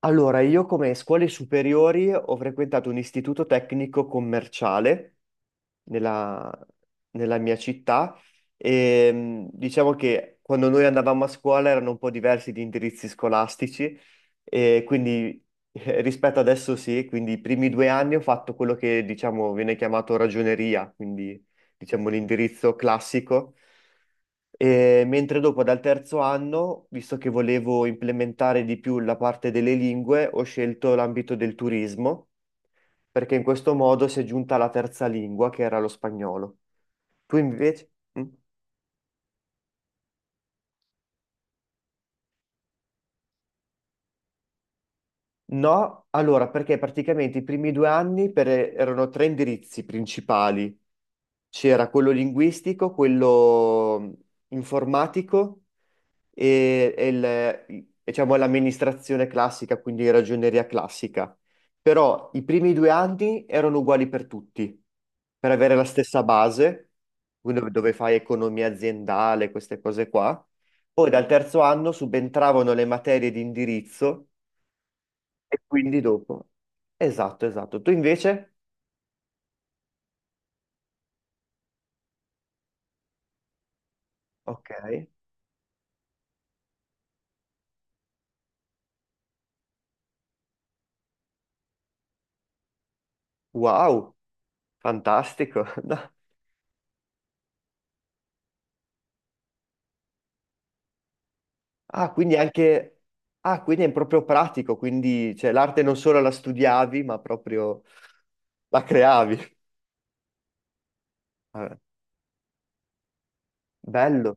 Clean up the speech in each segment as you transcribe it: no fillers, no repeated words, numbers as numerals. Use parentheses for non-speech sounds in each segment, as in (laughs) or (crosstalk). Allora, io come scuole superiori ho frequentato un istituto tecnico commerciale nella, nella mia città e diciamo che quando noi andavamo a scuola erano un po' diversi gli indirizzi scolastici e quindi rispetto adesso sì, quindi i primi due anni ho fatto quello che diciamo viene chiamato ragioneria, quindi diciamo l'indirizzo classico. E mentre dopo dal terzo anno, visto che volevo implementare di più la parte delle lingue, ho scelto l'ambito del turismo perché in questo modo si è giunta alla terza lingua, che era lo spagnolo. Tu invece? Mm? No, allora, perché praticamente i primi due anni erano tre indirizzi principali. C'era quello linguistico, quello informatico diciamo, l'amministrazione classica, quindi ragioneria classica. Però i primi due anni erano uguali per tutti, per avere la stessa base, quindi dove fai economia aziendale, queste cose qua. Poi dal terzo anno subentravano le materie di indirizzo e quindi dopo. Esatto, esatto. Tu invece? Ok. Wow, fantastico. (laughs) No. Ah, quindi anche... Ah, quindi è proprio pratico, quindi cioè, l'arte non solo la studiavi, ma proprio la creavi. Ah, bello.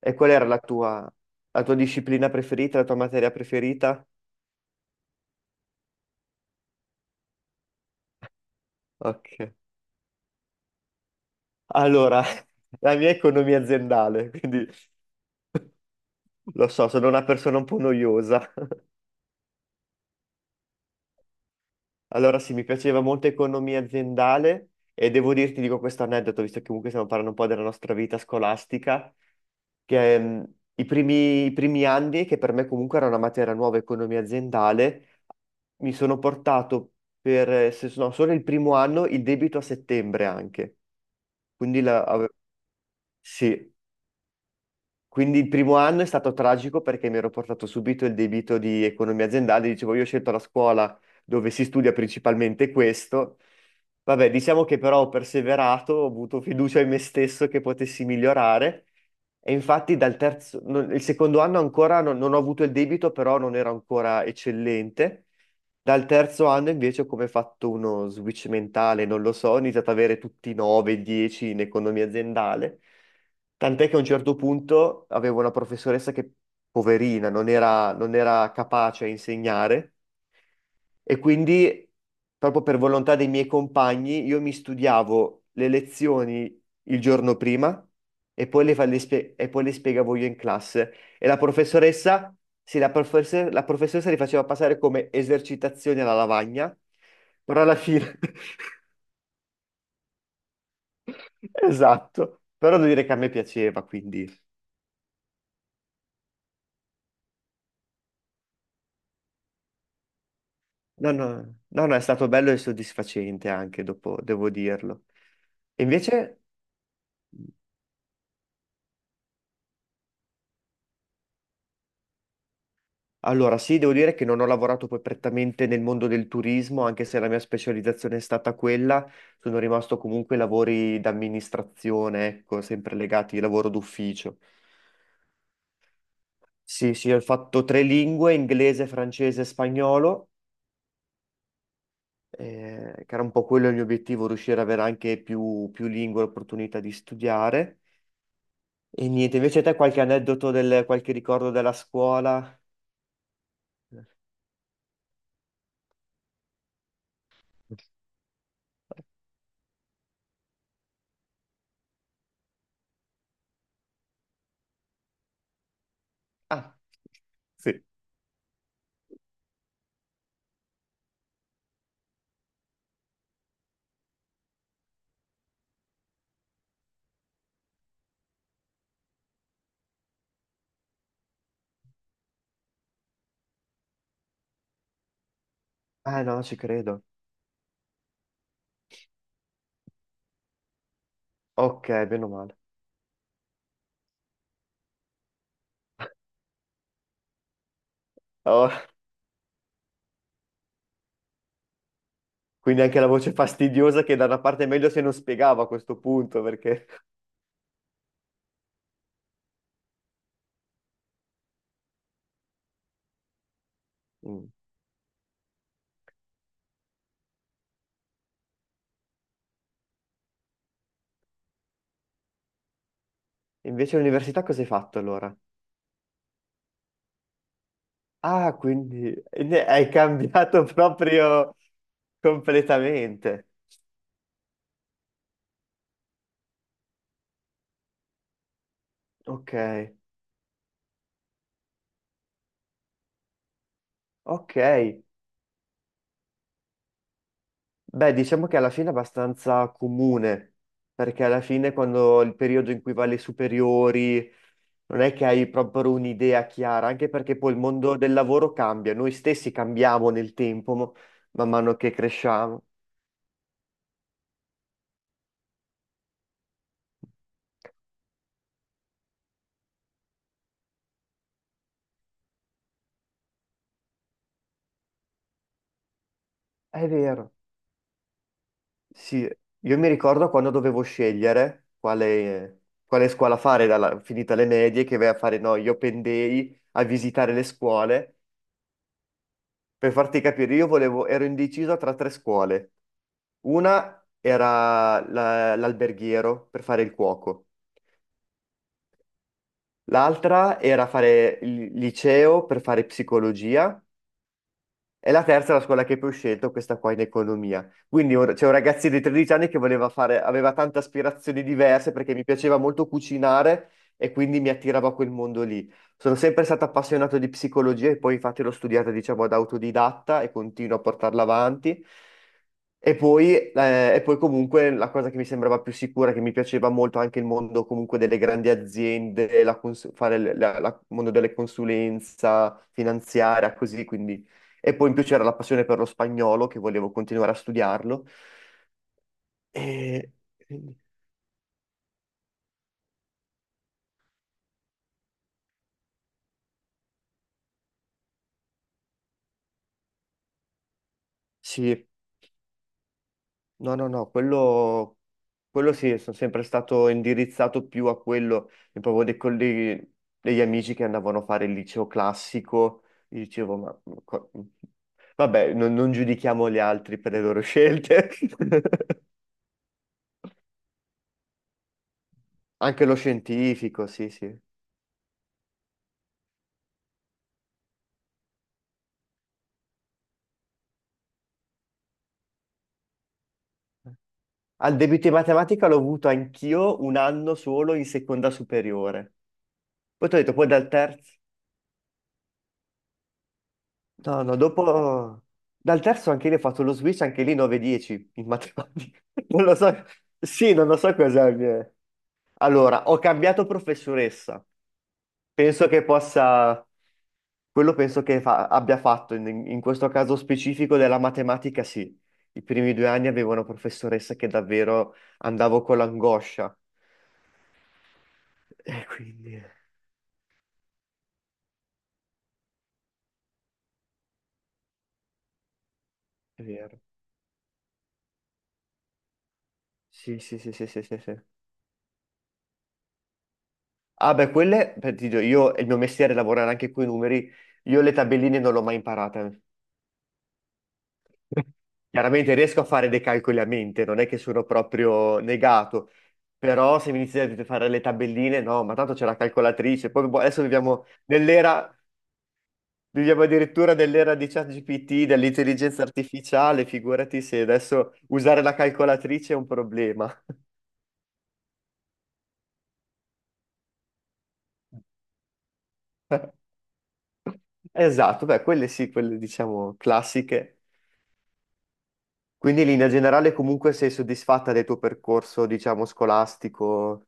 E qual era la tua disciplina preferita, la tua materia preferita? Ok. Allora, (laughs) la mia è economia aziendale, quindi lo so, sono una persona un po' noiosa. Allora sì, mi piaceva molto economia aziendale e devo dirti, dico questo aneddoto, visto che comunque stiamo parlando un po' della nostra vita scolastica, che i primi anni, che per me comunque era una materia nuova, economia aziendale, mi sono portato per, se, no, solo il primo anno, il debito a settembre anche. Quindi la, ave- sì, quindi il primo anno è stato tragico perché mi ero portato subito il debito di economia aziendale, dicevo io ho scelto la scuola dove si studia principalmente questo. Vabbè, diciamo che però ho perseverato, ho avuto fiducia in me stesso che potessi migliorare e infatti dal terzo, non- il secondo anno ancora non ho avuto il debito, però non ero ancora eccellente. Dal terzo anno invece ho come fatto uno switch mentale, non lo so, ho iniziato ad avere tutti 9, 10 in economia aziendale, tant'è che a un certo punto avevo una professoressa che, poverina, non era capace a insegnare e quindi proprio per volontà dei miei compagni io mi studiavo le lezioni il giorno prima e poi le spiegavo io in classe. E la professoressa, sì, la professoressa li faceva passare come esercitazioni alla lavagna, però alla fine, (laughs) esatto, però devo dire che a me piaceva, quindi no, no, no, no, è stato bello e soddisfacente anche dopo, devo dirlo. E invece, allora sì, devo dire che non ho lavorato poi prettamente nel mondo del turismo, anche se la mia specializzazione è stata quella, sono rimasto comunque ai lavori d'amministrazione, ecco, sempre legati al lavoro d'ufficio. Sì, sì, ho fatto tre lingue, inglese, francese e spagnolo, che era un po' quello il mio obiettivo, riuscire ad avere anche più lingue, l'opportunità di studiare. E niente, invece te qualche aneddoto, qualche ricordo della scuola? Ah, sì. Ah no, ci credo. Ok, meno male. Oh, quindi anche la voce fastidiosa che da una parte è meglio se non spiegava a questo punto, perché... Mm. Invece all'università cosa hai fatto allora? Ah, quindi hai cambiato (laughs) proprio completamente. Ok, ok. Beh, diciamo che alla fine è abbastanza comune, perché alla fine quando il periodo in cui vai alle superiori non è che hai proprio un'idea chiara, anche perché poi il mondo del lavoro cambia, noi stessi cambiamo nel tempo, man mano che cresciamo. È vero. Sì, io mi ricordo quando dovevo scegliere quale scuola fare, finita le medie, che vai a fare, no, io pendei a visitare le scuole. Per farti capire, io volevo, ero indeciso tra tre scuole. Una era l'alberghiero per fare il cuoco, l'altra era fare il liceo per fare psicologia. E la terza è la scuola che poi ho scelto, questa qua in economia. Quindi c'è un ragazzino di 13 anni che voleva fare, aveva tante aspirazioni diverse perché mi piaceva molto cucinare e quindi mi attirava quel mondo lì. Sono sempre stato appassionato di psicologia e poi infatti l'ho studiata, diciamo, ad autodidatta e continuo a portarla avanti. E poi comunque la cosa che mi sembrava più sicura, che mi piaceva molto anche il mondo comunque delle grandi aziende, fare il mondo delle consulenza finanziaria, così, quindi e poi in più c'era la passione per lo spagnolo, che volevo continuare a studiarlo. E quindi- sì, no, no, no, quello sì, sono sempre stato indirizzato più a quello, e proprio dei colleghi, degli amici che andavano a fare il liceo classico, gli dicevo, vabbè, non giudichiamo gli altri per le loro scelte. (laughs) Anche lo scientifico, sì, sì. Al debito in matematica l'ho avuto anch'io un anno solo in seconda superiore. Poi ti ho detto, poi dal terzo. No, no, dopo... Dal terzo anche lì ho fatto lo switch, anche lì 9-10 in matematica. (laughs) Non lo so. Sì, non lo so cosa mi è. Allora, ho cambiato professoressa. Penso che possa... Quello penso che abbia fatto, in questo caso specifico della matematica, sì. I primi due anni avevo una professoressa che davvero andavo con l'angoscia. E quindi... È vero. Sì, sì, sì, sì, sì, sì, sì. Ah beh, quelle, per ti dico, io, il mio mestiere è lavorare anche con i numeri, io le tabelline non l'ho mai imparate. Chiaramente riesco a fare dei calcoli a mente, non è che sono proprio negato, però se mi iniziate a fare le tabelline, no, ma tanto c'è la calcolatrice, poi boh, adesso viviamo nell'era, viviamo addirittura nell'era di ChatGPT, dell'intelligenza artificiale, figurati se adesso usare la calcolatrice è un problema. Esatto, beh, quelle sì, quelle diciamo classiche. Quindi in linea generale comunque sei soddisfatta del tuo percorso, diciamo, scolastico?